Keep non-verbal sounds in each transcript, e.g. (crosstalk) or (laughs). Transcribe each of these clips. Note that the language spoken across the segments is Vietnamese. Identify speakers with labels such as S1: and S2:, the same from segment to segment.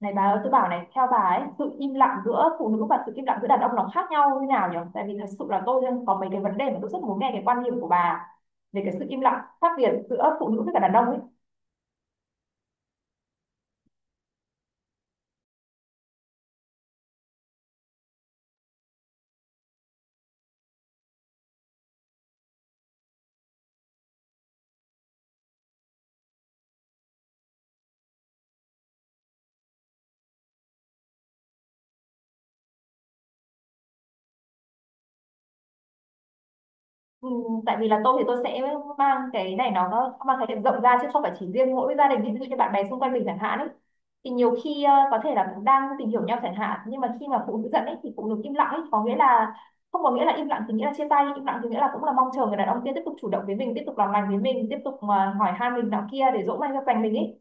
S1: Này bà ơi, tôi bảo này, theo bà ấy, sự im lặng giữa phụ nữ và sự im lặng giữa đàn ông nó khác nhau như nào nhỉ? Tại vì thật sự là tôi có mấy cái vấn đề mà tôi rất muốn nghe cái quan điểm của bà về cái sự im lặng khác biệt giữa phụ nữ với cả đàn ông ấy. Ừ, tại vì là tôi thì tôi sẽ mang cái này nó mang khái niệm rộng ra, chứ không phải chỉ riêng mỗi gia đình, ví dụ như bạn bè xung quanh mình chẳng hạn ấy, thì nhiều khi có thể là cũng đang tìm hiểu nhau chẳng hạn, nhưng mà khi mà phụ nữ giận ấy thì phụ nữ im lặng ấy có nghĩa là không có nghĩa là im lặng thì nghĩa là chia tay, im lặng thì nghĩa là cũng là mong chờ người đàn ông kia tiếp tục chủ động với mình, tiếp tục làm lành với mình, tiếp tục mà hỏi han mình nọ kia để dỗ dành cho dành mình ấy.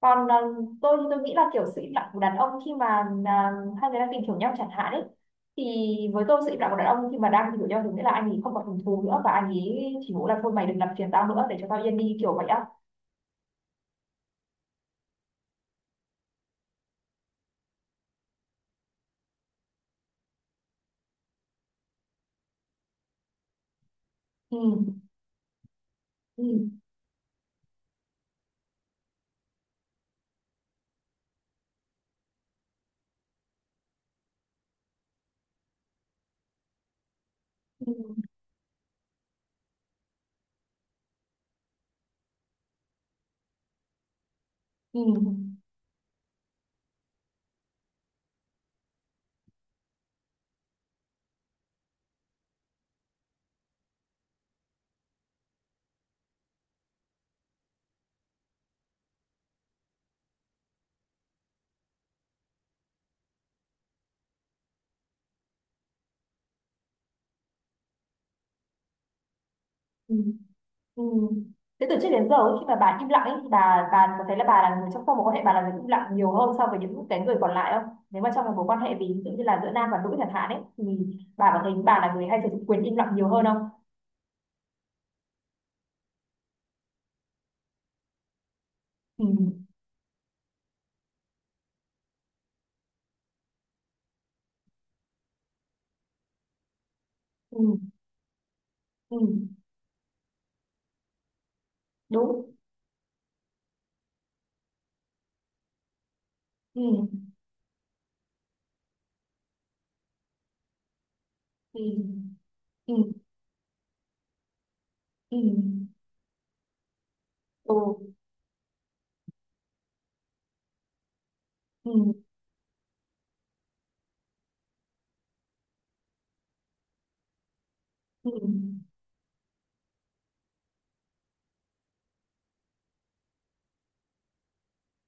S1: Còn tôi nghĩ là kiểu sự im lặng của đàn ông khi mà à, hai người đang tìm hiểu nhau chẳng hạn ấy, thì với tôi sự im lặng của đàn ông khi mà đang tìm hiểu nhau thì nghĩa là anh ấy không còn hứng thú nữa, và anh ấy chỉ muốn là thôi mày đừng làm phiền tao nữa, để cho tao yên đi, kiểu vậy á. Ừ. Ừ. Ừ. Ừ. Ừ. Ừ. Thế từ trước đến giờ ấy, khi mà bà im lặng ấy, thì bà có thấy là bà là người trong các mối quan hệ, bà là người im lặng nhiều hơn so với những cái người còn lại không? Nếu mà trong một mối quan hệ, ví dụ như là giữa nam và nữ chẳng hạn ấy, thì bà có thấy bà là người hay sử dụng quyền im lặng nhiều hơn không? Ừ. Ừ. Ừ, đúng. Ừ. Ừ. Ừ. Ừ. Ừ. Ừ. Ừ.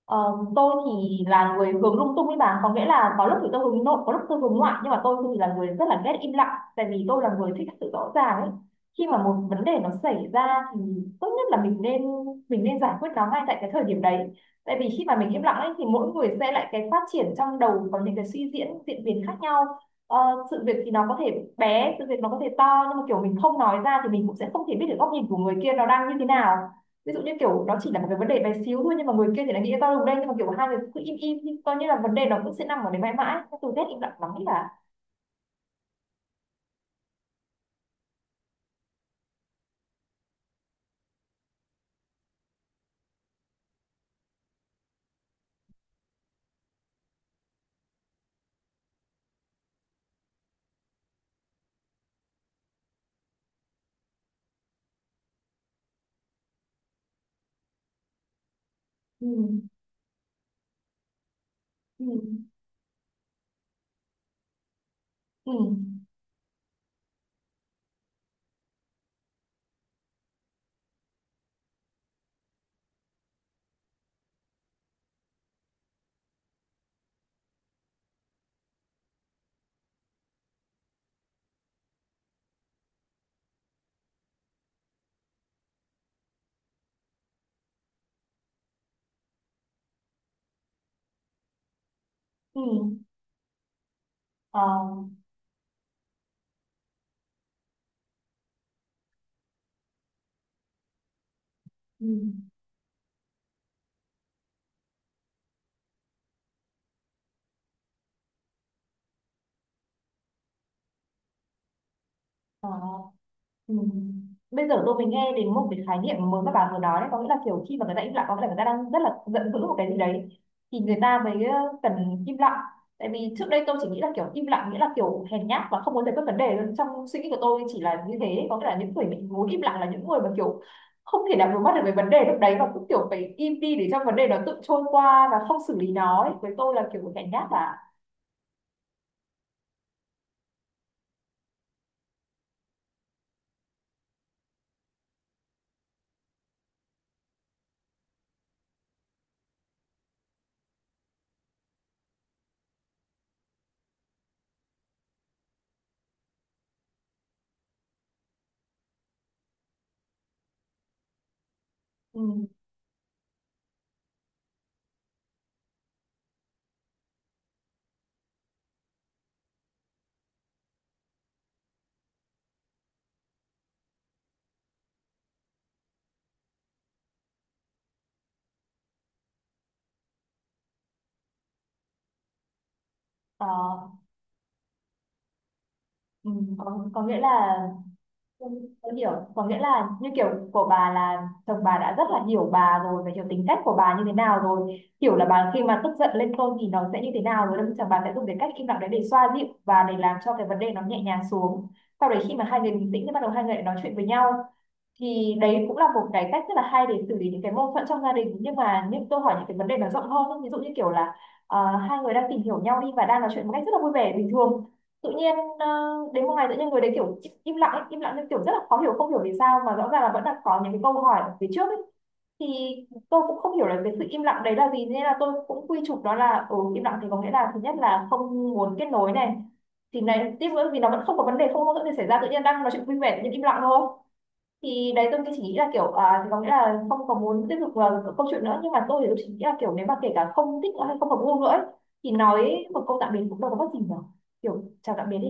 S1: Ờ, tôi thì là người hướng lung tung ấy bà, có nghĩa là có lúc thì tôi hướng nội, có lúc tôi hướng ngoại, nhưng mà tôi thì là người rất là ghét im lặng, tại vì tôi là người thích sự rõ ràng ấy. Khi mà một vấn đề nó xảy ra thì tốt nhất là mình nên giải quyết nó ngay tại cái thời điểm đấy, tại vì khi mà mình im lặng ấy thì mỗi người sẽ lại cái phát triển trong đầu có những cái suy diễn, diễn biến khác nhau. Sự việc thì nó có thể bé, sự việc nó có thể to, nhưng mà kiểu mình không nói ra thì mình cũng sẽ không thể biết được góc nhìn của người kia nó đang như thế nào. Ví dụ như kiểu nó chỉ là một cái vấn đề bé xíu thôi, nhưng mà người kia thì lại nghĩ tao đồng đây, nhưng mà kiểu hai người cứ im im nhưng coi như là vấn đề nó cũng sẽ nằm ở đấy mãi mãi. Cái từ ghét im lặng lắm ấy là... Ừ. Ừ. Ừ. Ừ. Ờ. Ừ. Ờ. Ừ. Bây giờ tôi mới nghe đến một cái khái niệm mới mà bà vừa nói đấy, có nghĩa là kiểu khi mà người ta im lặng có nghĩa là người ta đang rất là giận dữ một cái gì đấy thì người ta mới cần im lặng. Tại vì trước đây tôi chỉ nghĩ là kiểu im lặng nghĩa là kiểu hèn nhát và không muốn giải quyết vấn đề, trong suy nghĩ của tôi chỉ là như thế, có nghĩa là những người mình muốn im lặng là những người mà kiểu không thể nào đối mặt được với vấn đề lúc đấy, và cũng kiểu phải im đi để cho vấn đề nó tự trôi qua và không xử lý nó ấy. Với tôi là kiểu hèn nhát và ừ, ờ, ừ, có. Nghĩa là... Ừ, tôi hiểu, có nghĩa là như kiểu của bà là chồng bà đã rất là hiểu bà rồi, và hiểu tính cách của bà như thế nào rồi, hiểu là bà khi mà tức giận lên cơn thì nó sẽ như thế nào rồi, đâm chồng bà sẽ dùng cái cách im lặng đấy để xoa dịu và để làm cho cái vấn đề nó nhẹ nhàng xuống. Sau đấy khi mà hai người bình tĩnh thì bắt đầu hai người lại nói chuyện với nhau, thì đấy cũng là một cái cách rất là hay để xử lý những cái mâu thuẫn trong gia đình. Nhưng mà những tôi hỏi những cái vấn đề nó rộng hơn ấy. Ví dụ như kiểu là hai người đang tìm hiểu nhau đi, và đang nói chuyện một cách rất là vui vẻ bình thường, tự nhiên đến một ngày tự nhiên người đấy kiểu im im lặng ấy, im lặng nhưng kiểu rất là khó hiểu, không hiểu vì sao mà rõ ràng là vẫn là có những cái câu hỏi ở phía trước ấy, thì tôi cũng không hiểu là cái sự im lặng đấy là gì, nên là tôi cũng quy chụp đó là im lặng thì có nghĩa là thứ nhất là không muốn kết nối này, thì này tiếp nữa, vì nó vẫn không có vấn đề, không có mâu thuẫn gì xảy ra, tự nhiên đang nói chuyện vui vẻ tự nhiên im lặng thôi, thì đấy tôi chỉ nghĩ là kiểu thì có nghĩa là không có muốn tiếp tục vào câu chuyện nữa. Nhưng mà tôi thì tôi chỉ nghĩ là kiểu nếu mà kể cả không thích nữa hay không hợp gu nữa ấy, thì nói một câu tạm biệt cũng đâu có mất gì nhở, kiểu chào tạm biệt đi.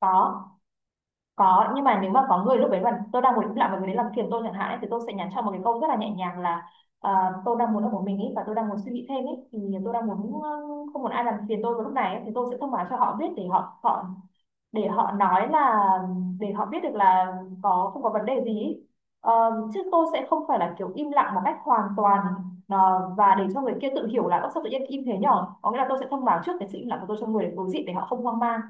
S1: có có, nhưng mà nếu mà có người lúc đấy mà tôi đang muốn im lặng và người đấy làm phiền tôi chẳng hạn ấy, thì tôi sẽ nhắn cho một cái câu rất là nhẹ nhàng là tôi đang muốn ở một mình ấy, và tôi đang muốn suy nghĩ thêm ấy, thì tôi đang muốn không muốn ai làm phiền tôi vào lúc này ấy, thì tôi sẽ thông báo cho họ biết để họ họ để họ nói là, để họ biết được là có không có vấn đề gì ý. Ờ, chứ tôi sẽ không phải là kiểu im lặng một cách hoàn toàn, và để cho người kia tự hiểu là "Ơ, sao tự nhiên im thế nhở?" Có nghĩa là tôi sẽ thông báo trước cái sự im lặng của tôi cho người đối diện để họ không hoang mang.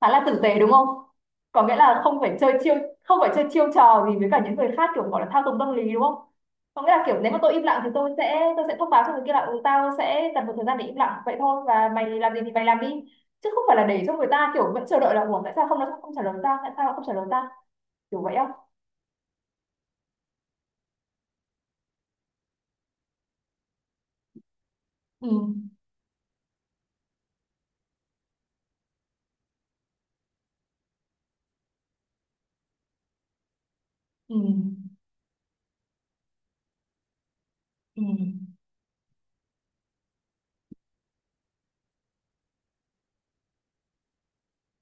S1: Khá là tử tế, đúng không? Có nghĩa là không phải chơi chiêu trò gì với cả những người khác, kiểu gọi là thao túng tâm lý, đúng không? Có nghĩa là kiểu nếu mà tôi im lặng thì tôi sẽ thông báo cho người kia là tao sẽ cần một thời gian để im lặng vậy thôi, và mày làm gì thì mày làm đi, chứ không phải là để cho người ta kiểu vẫn chờ đợi là ủa tại sao không nó không trả lời ta, tại sao nó không trả lời ta, kiểu vậy không? Ừ. Ừ. Ừ.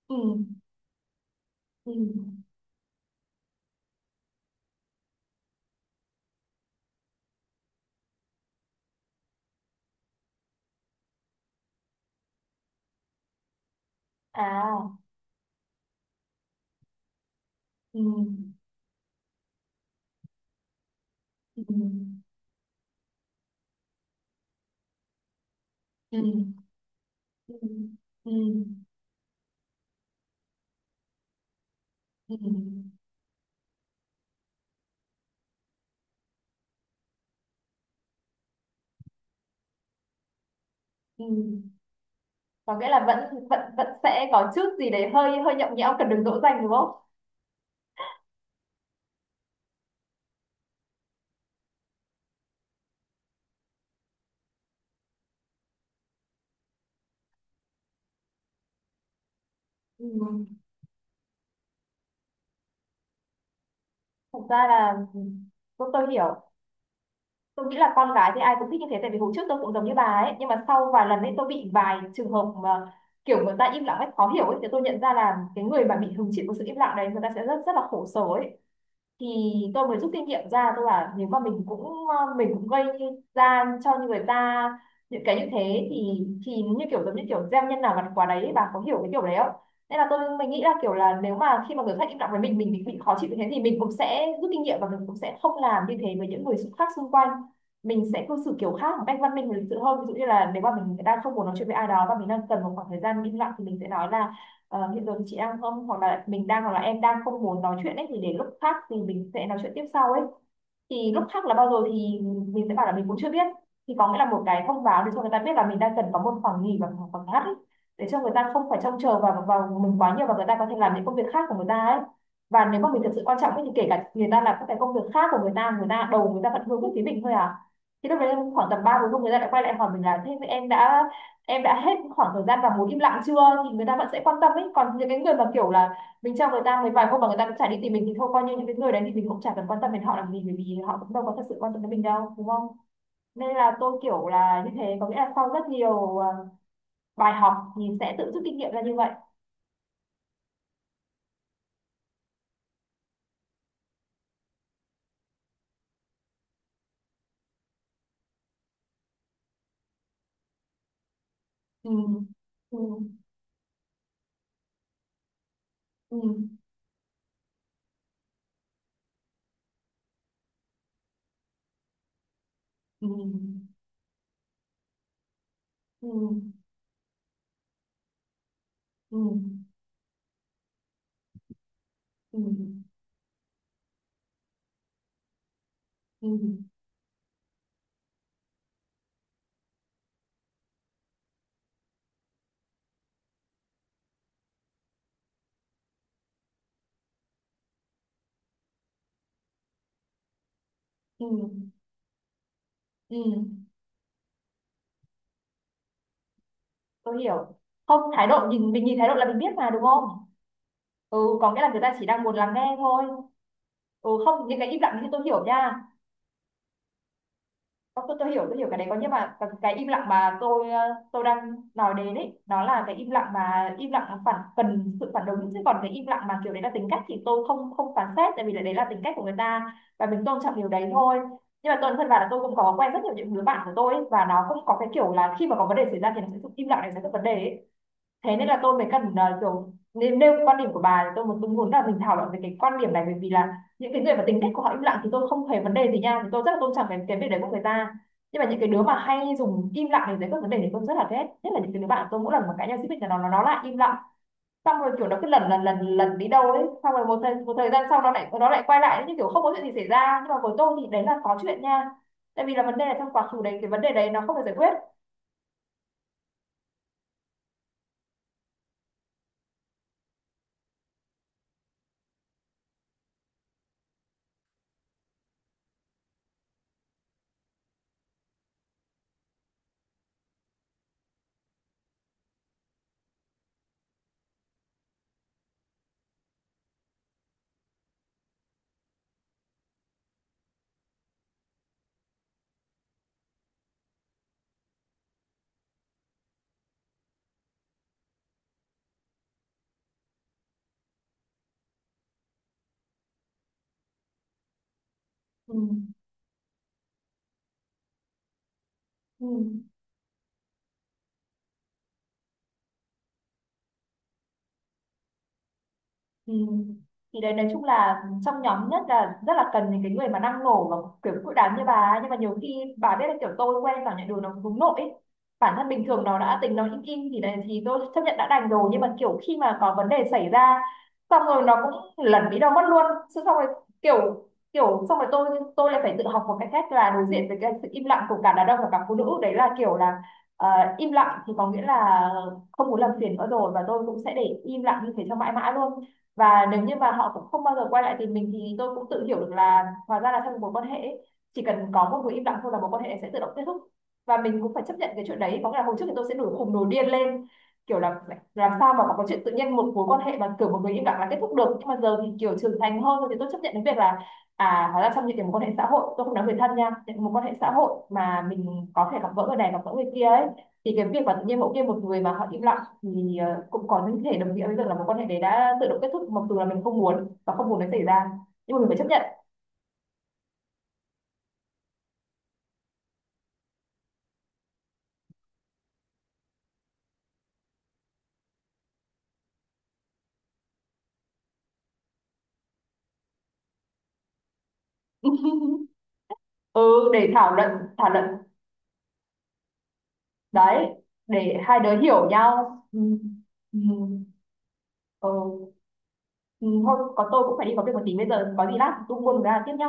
S1: Ừ. Ừ. À. Ừ. Ừ. Ừ. Ừ. Ừ. Ừ. Ừ. Có nghĩa là vẫn vẫn vẫn sẽ có chút gì đấy hơi hơi nhõng nhẽo, cần được dỗ dành đúng không? Ừ. Thật ra là tôi hiểu. Tôi nghĩ là con gái thì ai cũng thích như thế, tại vì hồi trước tôi cũng giống như bà ấy, nhưng mà sau vài lần ấy tôi bị vài trường hợp mà kiểu người ta im lặng ấy, khó hiểu ấy, thì tôi nhận ra là cái người mà bị hứng chịu của sự im lặng đấy, người ta sẽ rất rất là khổ sở ấy. Thì tôi mới rút kinh nghiệm ra, tôi bảo nếu mà mình cũng mình cũng gây ra cho người ta những cái như thế thì như kiểu, giống như kiểu gieo nhân nào gặt quả đấy, bà có hiểu cái kiểu đấy không? Nên là mình nghĩ là kiểu là nếu mà khi mà người khác im lặng với mình bị khó chịu như thế thì mình cũng sẽ rút kinh nghiệm và mình cũng sẽ không làm như thế với những người khác xung quanh. Mình sẽ cư xử kiểu khác một cách văn minh và lịch sự hơn. Ví dụ như là nếu mà mình đang không muốn nói chuyện với ai đó và mình đang cần một khoảng thời gian im lặng thì mình sẽ nói là hiện giờ thì chị đang không hoặc là mình đang hoặc là em đang không muốn nói chuyện ấy thì để lúc khác thì mình sẽ nói chuyện tiếp sau ấy. Thì lúc khác là bao giờ thì mình sẽ bảo là mình cũng chưa biết. Thì có nghĩa là một cái thông báo để cho người ta biết là mình đang cần có một khoảng nghỉ và một khoảng ngắt ấy, để cho người ta không phải trông chờ vào vào mình quá nhiều và người ta có thể làm những công việc khác của người ta ấy. Và nếu mà mình thực sự quan trọng ấy, thì kể cả người ta làm các cái công việc khác của người ta, người ta đầu người ta vẫn hướng về phía mình thôi à. Thì lúc đấy khoảng tầm ba bốn hôm người ta lại quay lại hỏi mình là thế em đã hết khoảng thời gian vào muốn im lặng chưa. Thì người ta vẫn sẽ quan tâm ấy, còn những cái người mà kiểu là mình cho người ta mấy vài hôm mà người ta cũng chả đi tìm mình thì thôi, coi như những cái người đấy thì mình cũng chả cần quan tâm đến họ làm gì, bởi vì họ cũng đâu có thật sự quan tâm đến mình đâu, đúng không? Nên là tôi kiểu là như thế, có nghĩa là sau rất nhiều bài học thì sẽ tự rút kinh nghiệm ra như vậy. Ừ. Ừ. Ừ. Ừ. Ừ. Ừ. Ừ. Ừ. Ừ. Ừ. Ừ. Tôi hiểu. Không, thái độ nhìn mình, nhìn thái độ là mình biết mà, đúng không? Ừ, có nghĩa là người ta chỉ đang muốn lắng nghe thôi. Ừ, không, những cái im lặng thì tôi hiểu nha. Tôi hiểu, tôi hiểu cái đấy có, nhưng mà cái im lặng mà tôi tôi đang nói đến ấy nó là cái im lặng mà im lặng phản cần sự phản ứng, chứ còn cái im lặng mà kiểu đấy là tính cách thì tôi không không phán xét, tại vì là đấy là tính cách của người ta và mình tôn trọng điều đấy thôi. Nhưng mà tôi thân vào là tôi cũng có quen rất nhiều những đứa bạn của tôi ấy, và nó cũng có cái kiểu là khi mà có vấn đề xảy ra thì nó sẽ im lặng để giải quyết vấn đề ấy. Thế nên là tôi mới cần kiểu nên nêu quan điểm của bà, thì tôi muốn là mình thảo luận về cái quan điểm này, bởi vì là những cái người mà tính cách của họ im lặng thì tôi không hề vấn đề gì nha, thì tôi rất là tôn trọng cái việc đấy của người ta. Nhưng mà những cái đứa mà hay dùng im lặng để giải quyết vấn đề thì tôi rất là ghét, nhất là những cái đứa bạn của tôi mỗi lần mà cãi nhau xích mích là nó lại im lặng, xong rồi kiểu nó cứ lần lần lần lần đi đâu đấy, xong rồi một thời gian sau nó lại quay lại như kiểu không có chuyện gì xảy ra, nhưng mà với tôi thì đấy là có chuyện nha, tại vì là vấn đề là trong quá khứ đấy cái vấn đề đấy nó không được giải quyết. Ừ. Ừ. Ừ. Thì đấy, nói chung là trong nhóm nhất là rất là cần những cái người mà năng nổ và kiểu cự đám như bà ấy. Nhưng mà nhiều khi bà biết là kiểu tôi quen vào nhận đường nó hướng nội ấy. Bản thân bình thường nó đã tính nó im im thì đấy thì tôi chấp nhận đã đành rồi, nhưng mà kiểu khi mà có vấn đề xảy ra xong rồi nó cũng lẩn đi đâu mất luôn, xong rồi kiểu kiểu xong rồi tôi lại phải tự học một cái cách là đối diện với cái sự im lặng của cả đàn ông và cả phụ nữ. Đấy là kiểu là ờ, im lặng thì có nghĩa là không muốn làm phiền nữa rồi, và tôi cũng sẽ để im lặng như thế cho mãi mãi luôn. Và nếu như mà họ cũng không bao giờ quay lại tìm mình thì tôi cũng tự hiểu được là hóa ra là trong một mối quan hệ chỉ cần có một người im lặng thôi là mối quan hệ sẽ tự động kết thúc. Và mình cũng phải chấp nhận cái chuyện đấy, có nghĩa là hồi trước thì tôi sẽ nổi khùng nổi điên lên kiểu là làm sao mà có chuyện tự nhiên một mối quan hệ mà kiểu một người im lặng là kết thúc được. Nhưng mà giờ thì kiểu trưởng thành hơn rồi thì tôi chấp nhận cái việc là à, hóa ra trong những cái mối quan hệ xã hội, tôi không nói người thân nha, những mối quan hệ xã hội mà mình có thể gặp gỡ người này gặp gỡ người kia ấy, thì cái việc mà tự nhiên mỗi kia một người mà họ im lặng thì cũng có những thể đồng nghĩa với việc là mối quan hệ đấy đã tự động kết thúc, mặc dù là mình không muốn và không muốn nó xảy ra, nhưng mà mình phải chấp nhận. (laughs) Ừ, để thảo luận. Thảo luận đấy, để hai đứa hiểu nhau. Ừ. Ừ. Ừ. Ừ. Thôi có tôi cũng phải đi có việc một tí, bây giờ có gì lát tung quân ra tiếp nhá.